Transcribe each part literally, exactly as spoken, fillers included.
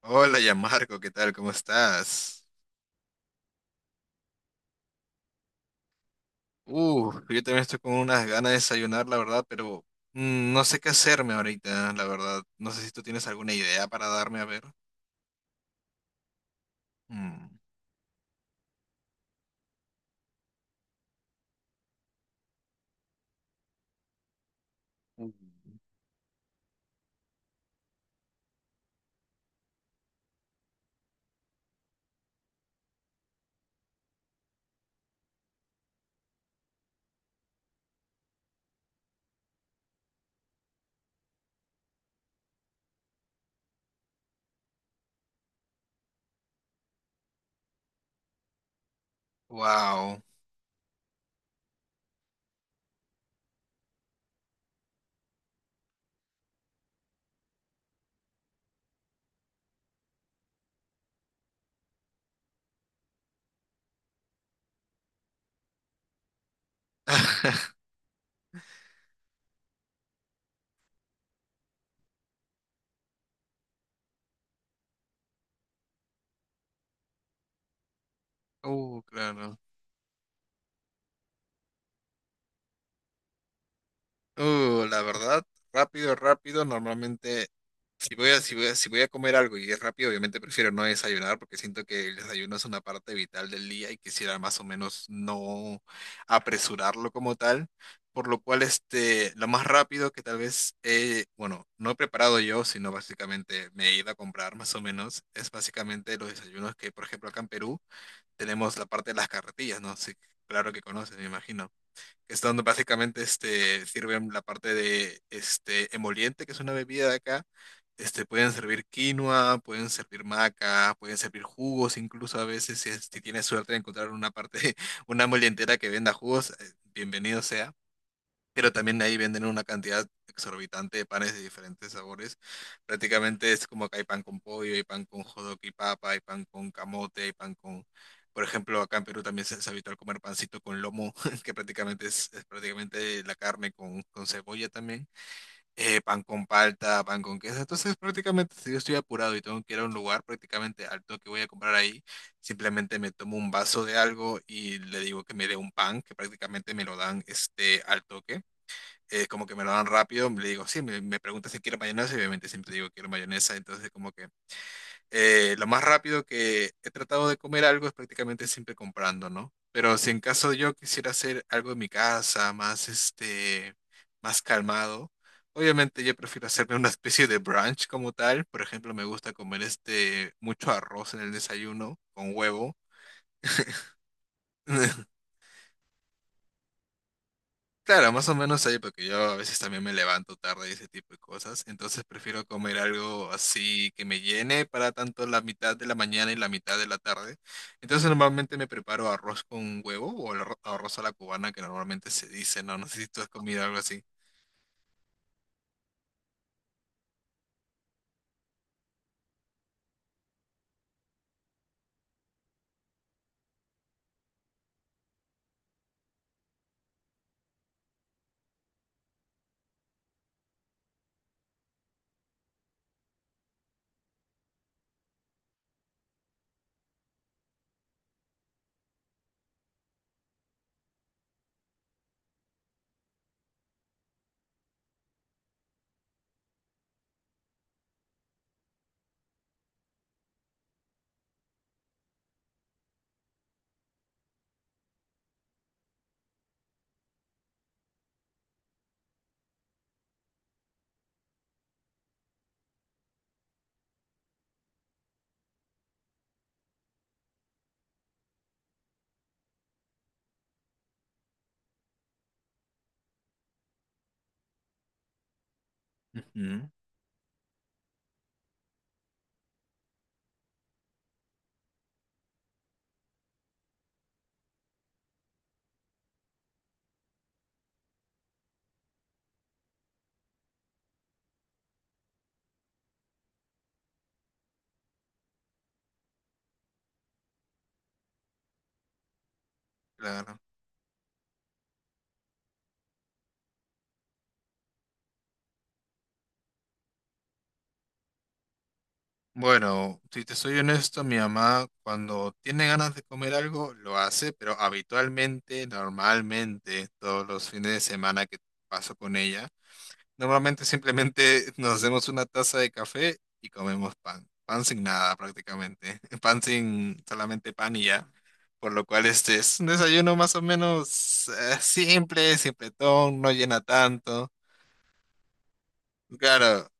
Hola, ya Marco, ¿qué tal? ¿Cómo estás? Uh, yo también estoy con unas ganas de desayunar, la verdad, pero mm, no sé qué hacerme ahorita, la verdad. No sé si tú tienes alguna idea para darme a ver. Wow. Uh, claro. Uh, la verdad, rápido, rápido, normalmente. Si voy a, si voy a, si voy a comer algo y es rápido, obviamente prefiero no desayunar porque siento que el desayuno es una parte vital del día y quisiera más o menos no apresurarlo como tal. Por lo cual, este, lo más rápido que tal vez, he- bueno, no he preparado yo, sino básicamente me he ido a comprar más o menos, es básicamente los desayunos que, por ejemplo, acá en Perú tenemos la parte de las carretillas, ¿no? Sí, claro que conoces, me imagino que es donde básicamente este, sirven la parte de este, emoliente, que es una bebida de acá. Este, pueden servir quinoa, pueden servir maca, pueden servir jugos, incluso a veces si, es- si tienes suerte de encontrar una parte, una molientera que venda jugos, eh, bienvenido sea, pero también ahí venden una cantidad exorbitante de panes de diferentes sabores. Prácticamente es como que hay pan con pollo, hay pan con hot dog y papa, hay pan con camote, hay pan con… Por ejemplo, acá en Perú también se- es habitual comer pancito con lomo, que prácticamente es, es prácticamente la carne con, con cebolla también. Eh, pan con palta, pan con queso. Entonces, prácticamente, si yo estoy apurado y tengo que ir a un lugar prácticamente alto que voy a comprar ahí, simplemente me tomo un vaso de algo y le digo que me dé un pan, que prácticamente me lo dan este, al toque, eh, como que me lo dan rápido, le digo, sí, me, me pregunta si quiero mayonesa y obviamente siempre digo quiero mayonesa, entonces como que eh, lo más rápido que he tratado de comer algo es prácticamente siempre comprando, ¿no? Pero si en caso yo quisiera hacer algo en mi casa, más este, más calmado, obviamente yo prefiero hacerme una especie de brunch como tal, por ejemplo, me gusta comer este mucho arroz en el desayuno con huevo. Claro, más o menos ahí, porque yo a veces también me levanto tarde y ese tipo de cosas. Entonces prefiero comer algo así que me llene para tanto la mitad de la mañana y la mitad de la tarde. Entonces normalmente me preparo arroz con huevo o el arro- arroz a la cubana que normalmente se dice, ¿no? No sé si tú has comido algo así. Ujú. Claro. Bueno, si te soy honesto, mi mamá cuando tiene ganas de comer algo lo hace, pero habitualmente, normalmente, todos los fines de semana que paso con ella normalmente simplemente nos hacemos una taza de café y comemos pan. Pan sin nada prácticamente. Pan sin solamente pan y ya. Por lo cual este es un desayuno más o menos eh, simple, simpletón, no llena tanto. Claro,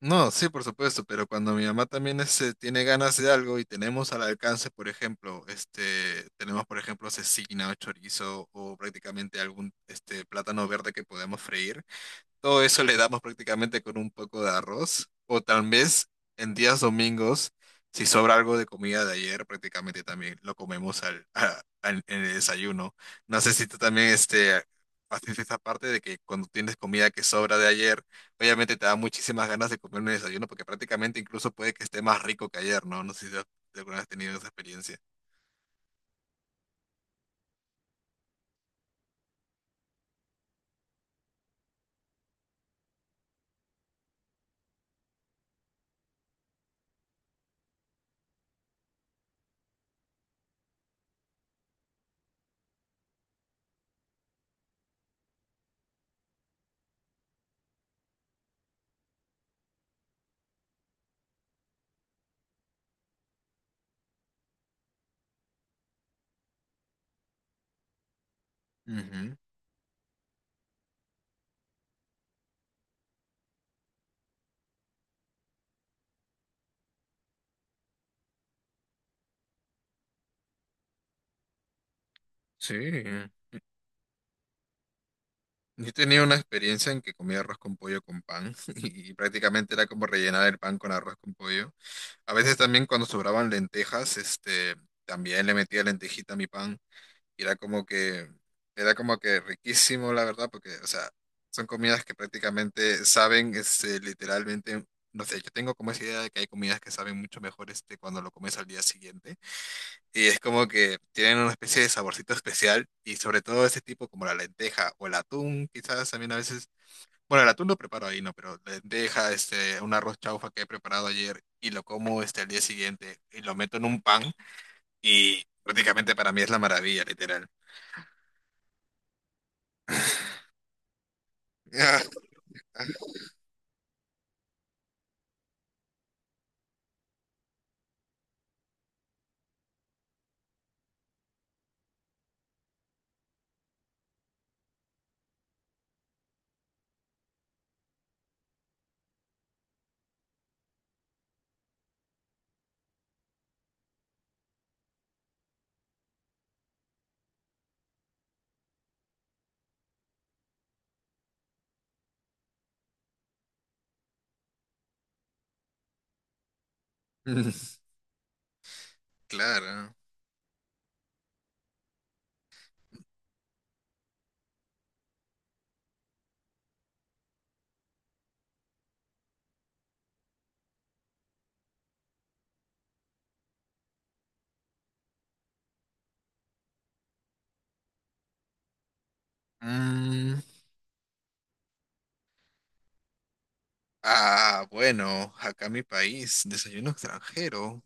no, sí, por supuesto, pero cuando mi mamá también este, tiene ganas de algo y tenemos al alcance, por ejemplo, este, tenemos por ejemplo cecina o chorizo o prácticamente algún este, plátano verde que podemos freír. Todo eso le damos prácticamente con un poco de arroz. O tal vez en días domingos, si sobra algo de comida de ayer, prácticamente también lo comemos al, a- al- en el desayuno. No sé si tú también este, haces esa parte de que cuando tienes comida que sobra de ayer, obviamente te da muchísimas ganas de comer un desayuno porque prácticamente incluso puede que esté más rico que ayer, ¿no? No sé si has- si alguna vez has tenido esa experiencia. Ujú. Sí. Yo tenía una experiencia en que comía arroz con pollo con pan y prácticamente era como rellenar el pan con arroz con pollo. A veces también cuando sobraban lentejas, este, también le metía lentejita a mi pan y era como que, era como que riquísimo, la verdad, porque, o sea, son comidas que prácticamente saben, este, literalmente, no sé, yo tengo como esa idea de que hay comidas que saben mucho mejor, este, cuando lo comes al día siguiente. Y es como que tienen una especie de saborcito especial y sobre todo ese tipo como la lenteja o el atún, quizás también a veces, bueno, el atún lo preparo ahí, no, pero lenteja, este, un arroz chaufa que he preparado ayer y lo como este al día siguiente y lo meto en un pan y prácticamente para mí es la maravilla, literal. Mm, Claro. Mm, ah, bueno, acá en mi país, desayuno extranjero.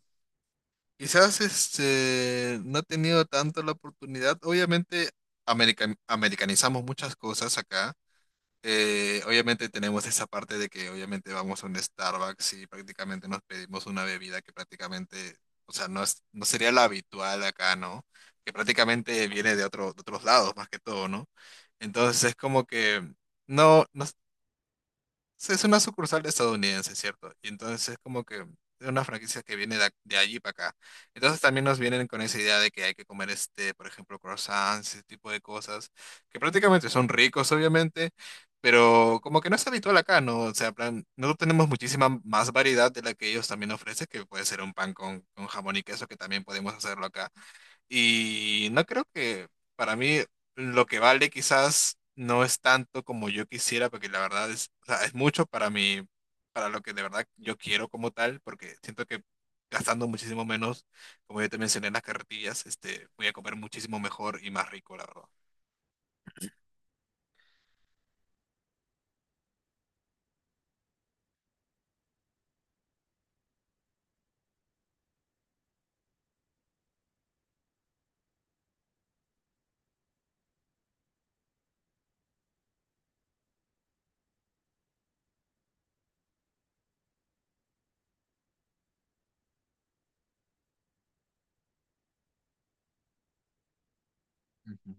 Quizás este, no he tenido tanto la oportunidad. Obviamente, american- americanizamos muchas cosas acá. Eh, obviamente tenemos esa parte de que obviamente vamos a un Starbucks y prácticamente nos pedimos una bebida que prácticamente, o sea, no es, no sería la habitual acá, ¿no? Que prácticamente viene de otro, de otros lados más que todo, ¿no? Entonces es como que no, no, sí, es una sucursal estadounidense, ¿cierto? Y entonces es como que es una franquicia que viene de, ac- de allí para acá. Entonces también nos vienen con esa idea de que hay que comer este, por ejemplo, croissants, ese tipo de cosas, que prácticamente son ricos, obviamente, pero como que no es habitual acá, ¿no? O sea, plan, nosotros tenemos muchísima más variedad de la que ellos también ofrecen, que puede ser un pan con, con jamón y queso, que también podemos hacerlo acá. Y no creo que para mí lo que vale quizás no es tanto como yo quisiera, porque la verdad es, o sea, es mucho para mí, para lo que de verdad yo quiero como tal, porque siento que gastando muchísimo menos, como yo te mencioné en las carretillas, este, voy a comer muchísimo mejor y más rico, la verdad. Ujú.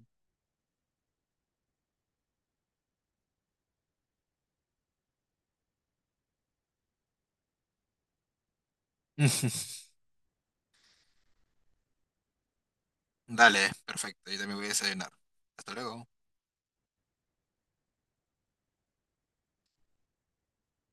Dale, perfecto, yo también voy a desayunar. Hasta luego.